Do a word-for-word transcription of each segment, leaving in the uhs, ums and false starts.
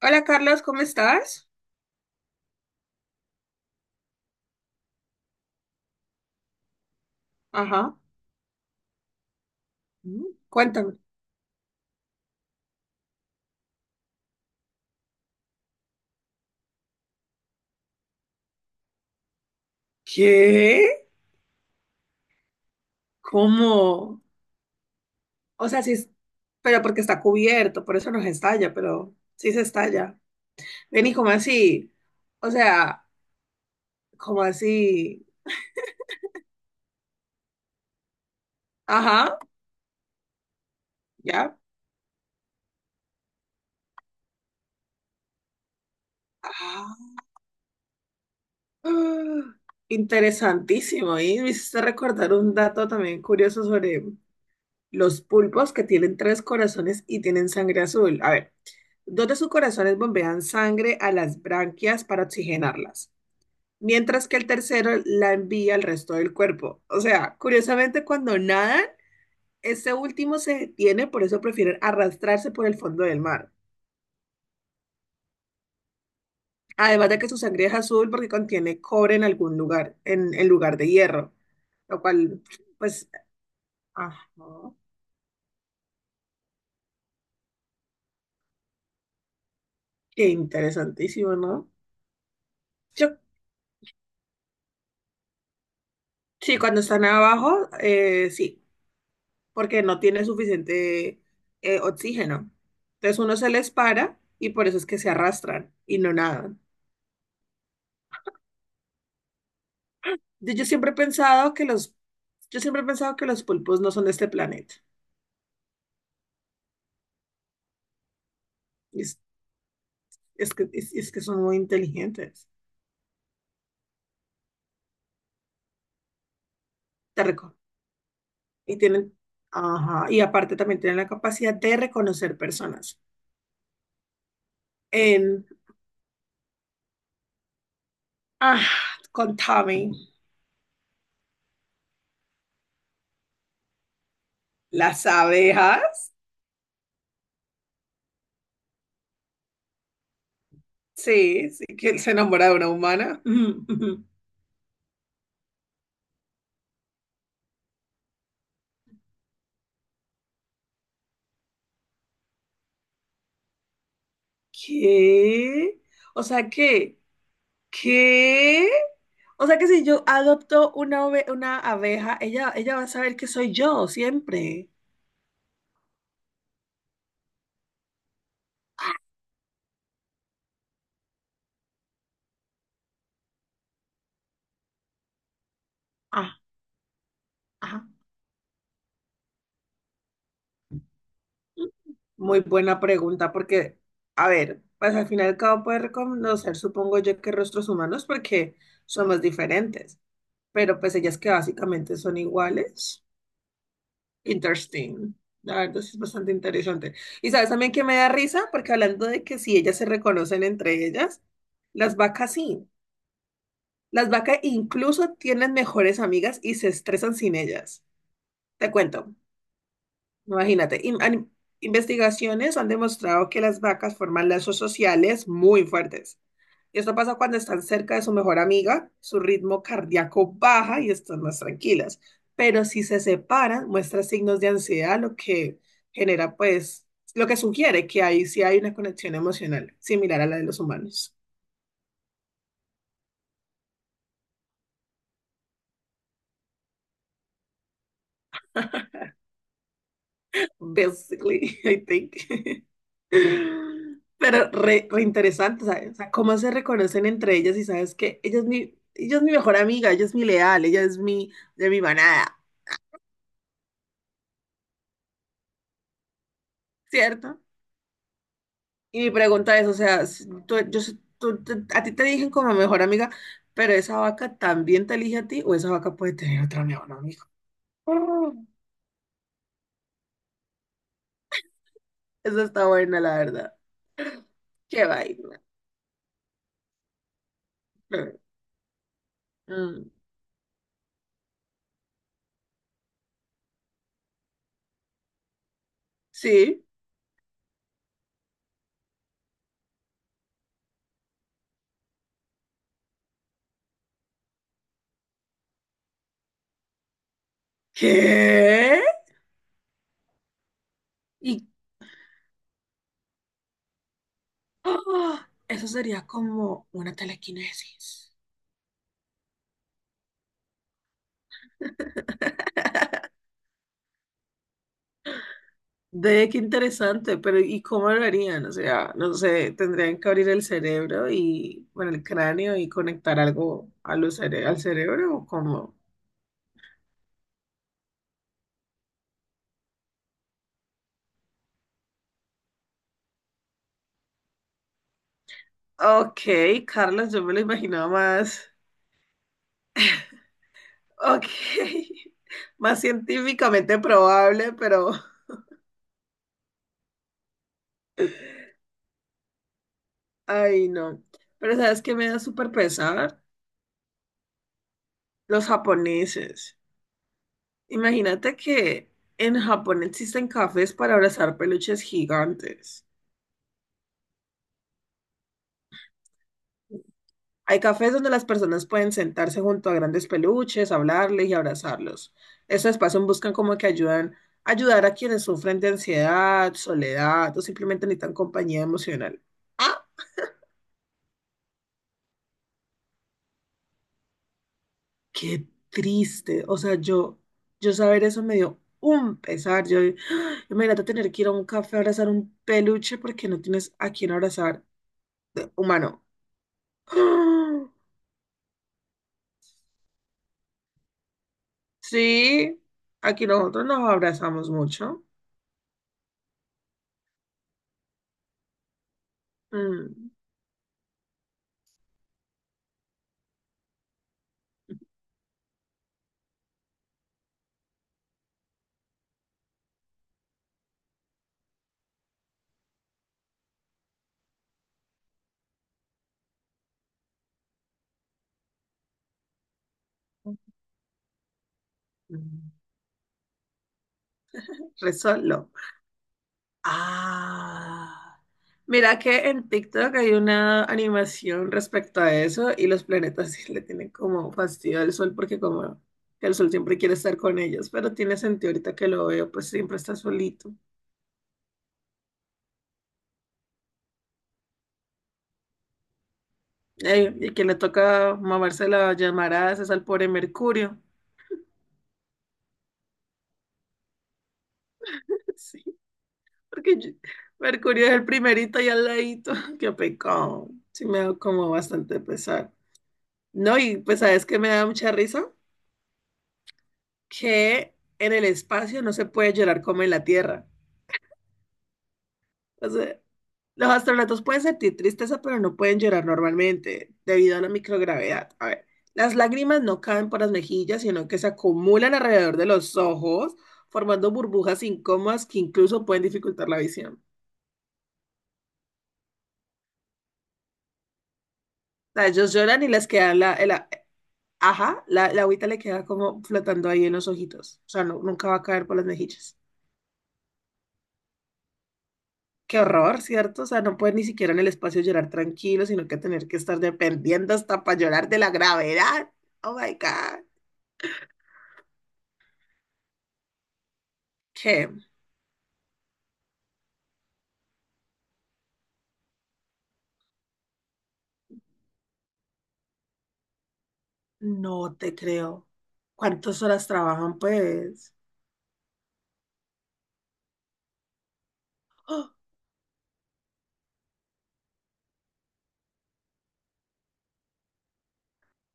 Hola Carlos, ¿cómo estás? Ajá. Mm, Cuéntame. ¿Qué? ¿Cómo? O sea, sí, es- pero porque está cubierto, por eso no se estalla, pero sí se estalla. Ven y ¿cómo así? O sea, ¿cómo así? Ajá, ya. Ah, ah, interesantísimo. Y me hiciste recordar un dato también curioso sobre los pulpos que tienen tres corazones y tienen sangre azul. A ver. Dos de sus corazones bombean sangre a las branquias para oxigenarlas, mientras que el tercero la envía al resto del cuerpo. O sea, curiosamente, cuando nadan, este último se detiene, por eso prefieren arrastrarse por el fondo del mar. Además de que su sangre es azul porque contiene cobre en algún lugar, en, en lugar de hierro, lo cual, pues, ajá, qué interesantísimo, ¿no? Yo, sí, cuando están abajo, eh, sí. Porque no tiene suficiente eh, oxígeno. Entonces uno se les para y por eso es que se arrastran y no nadan. Yo, yo siempre he pensado que los, yo siempre he pensado que los pulpos no son de este planeta. Es, es que, es, es que son muy inteligentes. Te reco- Y tienen, ajá, y aparte también tienen la capacidad de reconocer personas. En, ah, contame las abejas. Sí, sí, que él se enamora de una humana. ¿Qué? O sea, ¿qué? ¿Qué? O sea que si yo adopto una, ove- una abeja, ella, ella va a saber que soy yo siempre. Ah, ajá. Muy buena pregunta, porque, a ver, pues al final y al cabo puede reconocer, supongo yo, que rostros humanos porque somos diferentes, pero pues ellas que básicamente son iguales. Interesting. La verdad sí es bastante interesante. Y sabes también que me da risa, porque hablando de que si ellas se reconocen entre ellas, las vacas sí. Las vacas incluso tienen mejores amigas y se estresan sin ellas. Te cuento, imagínate. In- an- investigaciones han demostrado que las vacas forman lazos sociales muy fuertes. Esto pasa cuando están cerca de su mejor amiga, su ritmo cardíaco baja y están más tranquilas. Pero si se separan, muestra signos de ansiedad, lo que genera, pues, lo que sugiere que ahí sí hay una conexión emocional similar a la de los humanos. Basically, I think. Pero re, re interesante, ¿sabes? O sea, cómo se reconocen entre ellas y sabes que ella es mi, ella es mi mejor amiga, ella es mi leal, ella es mi, de mi manada, ¿cierto? Y mi pregunta es, o sea, si tú- yo, sé- tú- te- a ti te eligen como mejor amiga, pero esa vaca también te elige a ti o esa vaca puede tener otra mejor amiga. Mm, Esa está buena, la verdad. Qué vaina. Mm, sí. ¿Qué? Y ah, eso sería como una telequinesis. De qué interesante, pero ¿y cómo lo harían? O sea, no sé, tendrían que abrir el cerebro y, bueno, el cráneo y conectar algo a los cere- al cerebro o cómo. Ok, Carlos, yo me lo imaginaba más. Ok, más científicamente probable, pero... Ay, no. Pero ¿sabes qué me da súper pesar? Los japoneses. Imagínate que en Japón existen cafés para abrazar peluches gigantes. Hay cafés donde las personas pueden sentarse junto a grandes peluches, hablarles y abrazarlos. Estos espacios buscan como que ayudan, ayudar a quienes sufren de ansiedad, soledad o simplemente necesitan compañía emocional. Qué triste. O sea, yo, yo, saber eso me dio un pesar. Yo, ¡ah! Imagínate tener que ir a un café a abrazar un peluche porque no tienes a quién abrazar de humano. ¡Ah! Sí, aquí nosotros nos abrazamos mucho. Mm, mm, Re solo. Ah, mira que en TikTok hay una animación respecto a eso y los planetas sí le tienen como fastidio al sol porque como que el sol siempre quiere estar con ellos, pero tiene sentido ahorita que lo veo, pues siempre está solito. Eh, y que le toca mamarse la llamarada es al pobre Mercurio. Sí, porque yo- Mercurio es el primerito y al ladito. Qué pecado. Sí me da como bastante pesar. No, y pues sabes que me da mucha risa que en el espacio no se puede llorar como en la Tierra. O sea, los astronautas pueden sentir tristeza, pero no pueden llorar normalmente debido a la microgravedad. A ver, las lágrimas no caen por las mejillas, sino que se acumulan alrededor de los ojos, formando burbujas incómodas que incluso pueden dificultar la visión. O sea, ellos lloran y les queda la, la- ajá, la, la agüita le queda como flotando ahí en los ojitos. O sea, no- nunca va a caer por las mejillas. Qué horror, ¿cierto? O sea, no pueden ni siquiera en el espacio llorar tranquilo, sino que tener que estar dependiendo hasta para llorar de la gravedad. Oh my God. ¿Qué? No te creo. ¿Cuántas horas trabajan, pues? ¡Oh!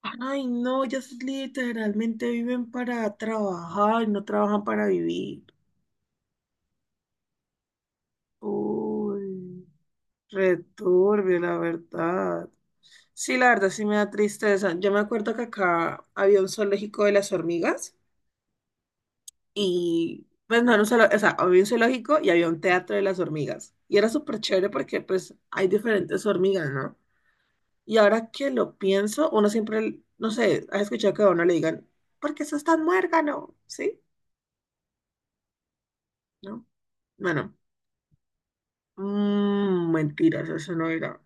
Ay, no, ellas literalmente viven para trabajar y no trabajan para vivir. Uy, returbio, la verdad. Sí, la verdad sí me da tristeza. Yo me acuerdo que acá había un zoológico de las hormigas. Y pues no era un zoológico, o sea, había un zoológico y había un teatro de las hormigas. Y era súper chévere porque pues hay diferentes hormigas, ¿no? Y ahora que lo pienso, uno siempre, no sé, has escuchado que a uno le digan, ¿por qué sos tan muérgano? ¿Sí? ¿No? Bueno, mm, mentiras, eso no era.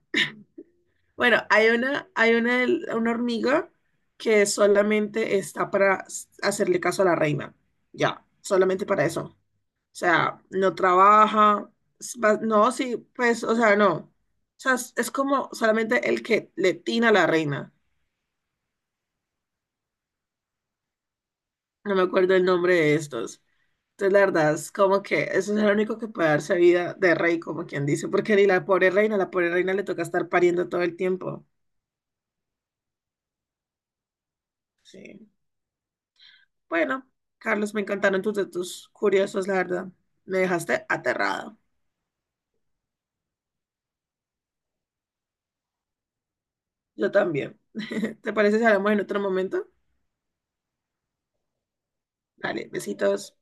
Bueno, hay una, hay una, una hormiga que solamente está para hacerle caso a la reina. Ya, solamente para eso. O sea, no trabaja, es ba- no, sí, pues, o sea, no. O sea, es, es como solamente el que le tina a la reina. No me acuerdo el nombre de estos. Entonces, la verdad, es como que eso es el único que puede darse vida de rey, como quien dice, porque ni la pobre reina, la pobre reina le toca estar pariendo todo el tiempo. Sí. Bueno, Carlos, me encantaron tus datos curiosos, la verdad. Me dejaste aterrada. Yo también. ¿Te parece si hablamos en otro momento? Dale, besitos.